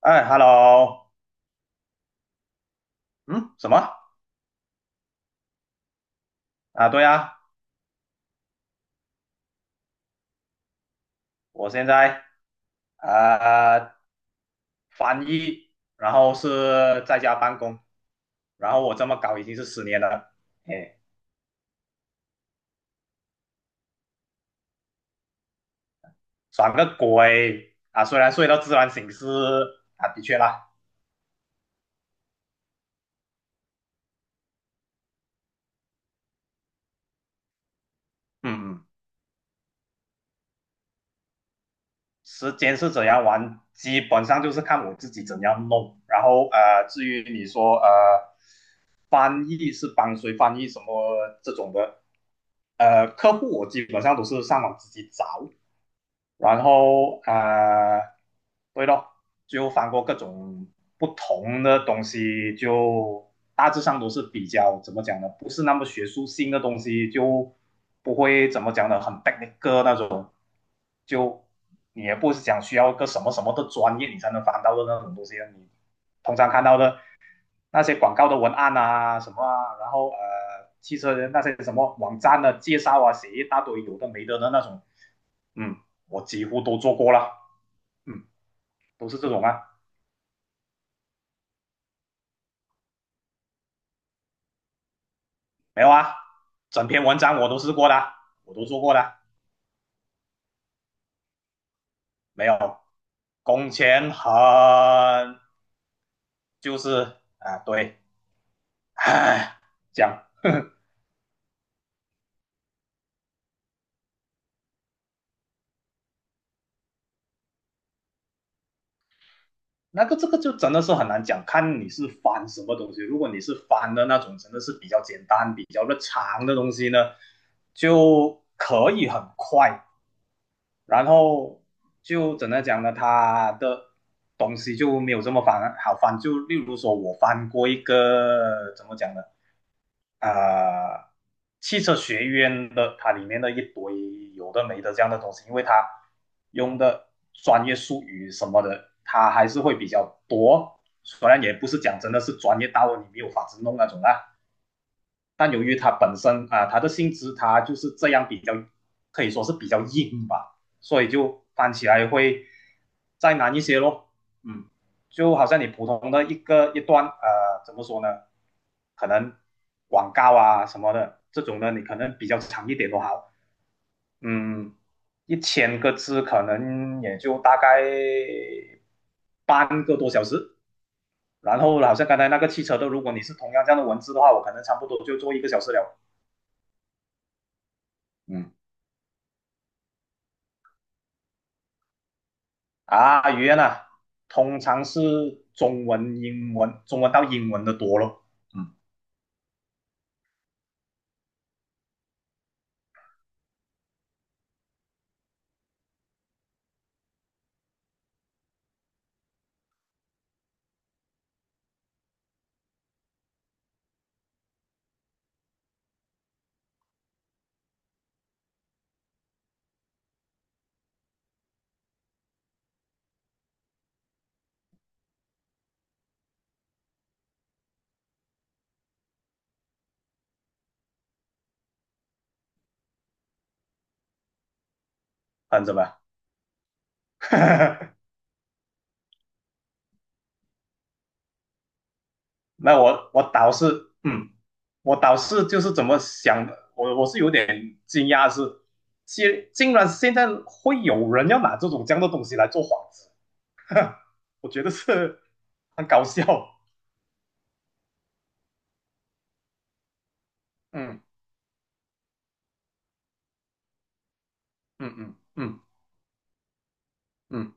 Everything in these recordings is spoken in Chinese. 哎，hello，嗯，什么啊？对啊，我现在呃翻译，然后是在家办公，然后我这么搞已经是10年了，哎，爽个鬼啊！虽然睡到自然醒是啊，的确啦，嗯嗯，时间是怎样玩，基本上就是看我自己怎样弄，然后至于你说翻译是帮谁翻译什么这种的，客户我基本上都是上网自己找。然后对咯，就翻过各种不同的东西，就大致上都是比较怎么讲呢？不是那么学术性的东西，就不会怎么讲呢，很 technical 那种，就你也不是讲需要一个什么什么的专业你才能翻到的那种东西啊。你通常看到的那些广告的文案啊什么啊，然后汽车的那些什么网站的介绍啊，写一大堆有的没的的那种，嗯，我几乎都做过了，嗯，都是这种啊，没有啊，整篇文章我都试过的，我都做过的，没有，工钱很就是啊，对，唉，讲。那个这个就真的是很难讲，看你是翻什么东西。如果你是翻的那种，真的是比较简单、比较的长的东西呢，就可以很快。然后就怎么讲呢？他的东西就没有这么翻好翻。就例如说，我翻过一个怎么讲呢？呃，汽车学院的它里面的一堆有的没的这样的东西，因为它用的专业术语什么的，它还是会比较多。虽然也不是讲真的是专业到你没有法子弄那种啊，但由于它本身它的性质它就是这样比较，可以说是比较硬吧，所以就翻起来会再难一些咯。嗯，就好像你普通的一个一段怎么说呢？可能广告啊什么的这种呢，你可能比较长一点都好。嗯，1000个字可能也就大概半个多小时。然后好像刚才那个汽车的，如果你是同样这样的文字的话，我可能差不多就做1个小时了。嗯，啊，语言啊，通常是中文、英文，中文到英文的多咯。嗯，很看着吧。那我倒是，我倒是就是怎么想的，我是有点惊讶是，竟竟然现在会有人要拿这种这样的东西来做幌子，我觉得是很搞笑。嗯嗯嗯嗯嗯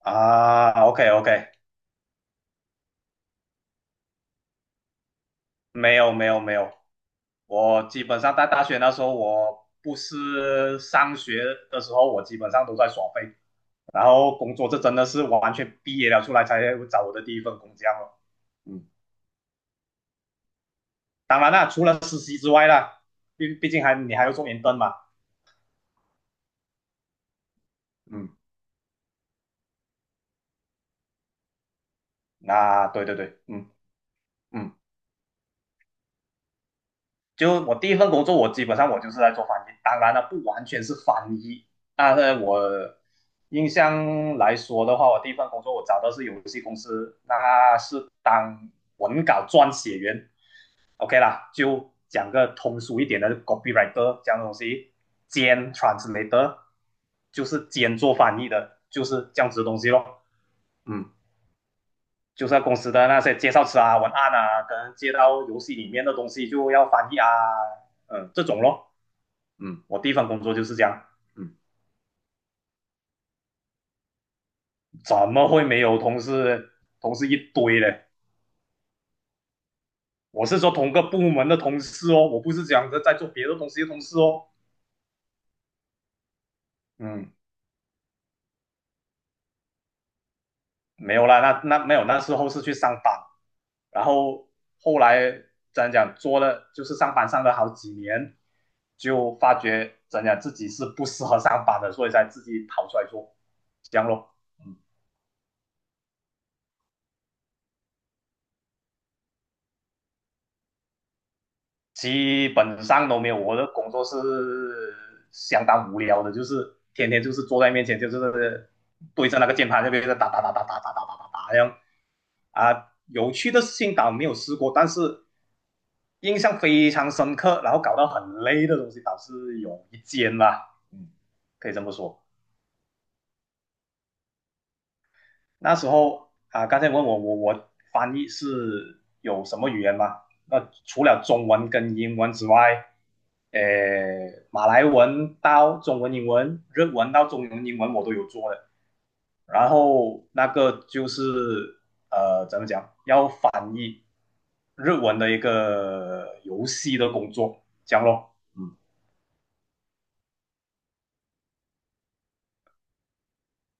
啊，OK OK，没有没有没有，我基本上在大学那时候，我不是上学的时候，我基本上都在耍废，然后工作这真的是完全毕业了出来才找我的第一份工这样了嗯，当然啦，除了实习之外啦，毕竟还你还要做研份嘛。嗯，那对对对，嗯嗯。就我第一份工作，我基本上我就是在做翻译，当然了，不完全是翻译，但是我印象来说的话，我第一份工作我找的是游戏公司，那是当文稿撰写员，OK 啦，就讲个通俗一点的 copywriter 这样的东西，兼 translator 就是兼做翻译的，就是这样子的东西咯，嗯。就是在公司的那些介绍词啊、文案啊，可能接到游戏里面的东西就要翻译啊，嗯，这种咯。嗯，我第一份工作就是这样。嗯，怎么会没有同事？同事一堆嘞。我是说同个部门的同事哦，我不是讲着在做别的东西的同事哦。嗯，没有啦，那没有，那时候是去上班，然后后来怎样讲做了，就是上班上了好几年，就发觉怎样讲自己是不适合上班的，所以才自己跑出来做，这样咯。嗯。基本上都没有。我的工作是相当无聊的，就是天天就是坐在面前，就是对着那个键盘那边打打打打打打打打打打这样。啊，有趣的事情倒没有试过，但是印象非常深刻，然后搞到很累的东西倒是有一间啦，嗯，可以这么说。那时候啊，刚才问我我翻译是有什么语言吗？那除了中文跟英文之外，呃，马来文到中文、英文、日文到中文、英文我都有做的。然后那个就是怎么讲，要翻译日文的一个游戏的工作，这样咯。嗯，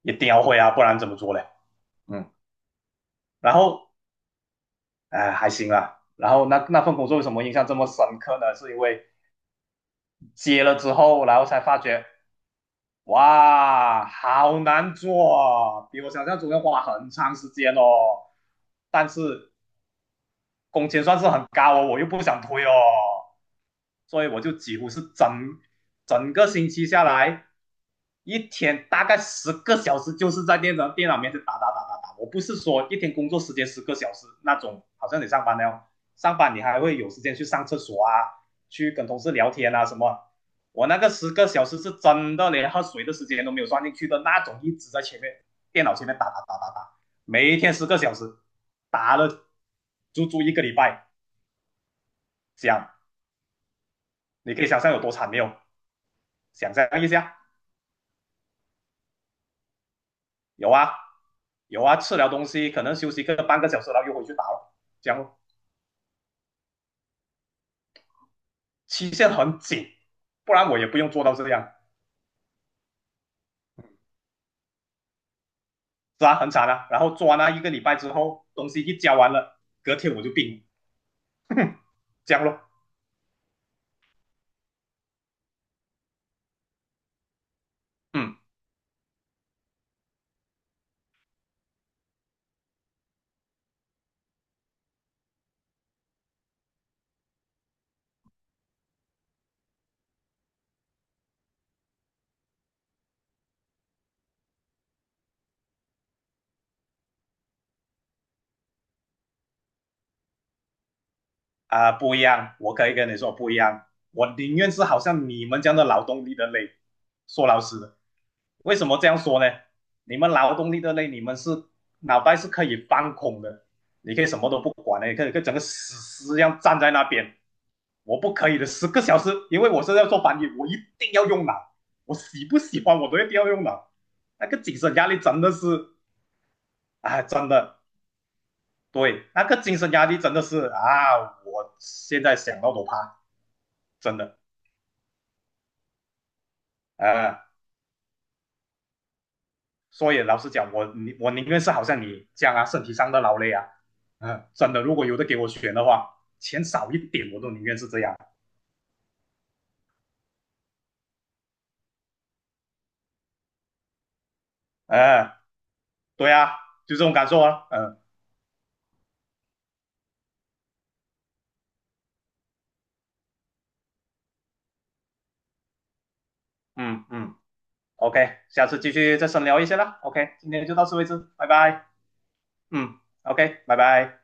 一定要会啊，不然怎么做嘞？嗯，然后还行啦。然后那份工作为什么印象这么深刻呢？是因为接了之后，然后才发觉，哇，好难做啊，比我想象中要花很长时间哦。但是工钱算是很高哦，我又不想推哦，所以我就几乎是整个星期下来，一天大概十个小时就是在电脑面前打打打打打。我不是说一天工作时间十个小时那种，好像你上班那样，上班你还会有时间去上厕所啊，去跟同事聊天啊什么。我那个十个小时是真的连喝水的时间都没有算进去的那种，一直在前面电脑前面打打打打打。每一天十个小时，打了足足一个礼拜，这样你可以想象有多惨没有？想象一下，有啊，有啊，吃了东西可能休息个半个小时，然后又回去打了，这样期限很紧，不然我也不用做到这样，是啊，很惨啊。然后做完了一个礼拜之后，东西一交完了，隔天我就病了，这样咯，嗯。不一样，我可以跟你说不一样，我宁愿是好像你们这样的劳动力的累，说老实的，为什么这样说呢？你们劳动力的累，你们是脑袋是可以放空的，你可以什么都不管的，你可以跟整个死尸一样站在那边。我不可以的，十个小时，因为我是要做翻译，我一定要用脑，我喜不喜欢我都一定要用脑。那个精神压力真的是，啊，真的，对，那个精神压力真的是啊，我现在想到都怕，真的。呃，所以老实讲，我宁愿是好像你这样啊，身体上的劳累啊，真的，如果有的给我选的话，钱少一点我都宁愿是这样。呃，对啊，就这种感受啊，嗯嗯嗯，OK，下次继续再深聊一些啦。OK，今天就到此为止，拜拜。嗯，OK，拜拜。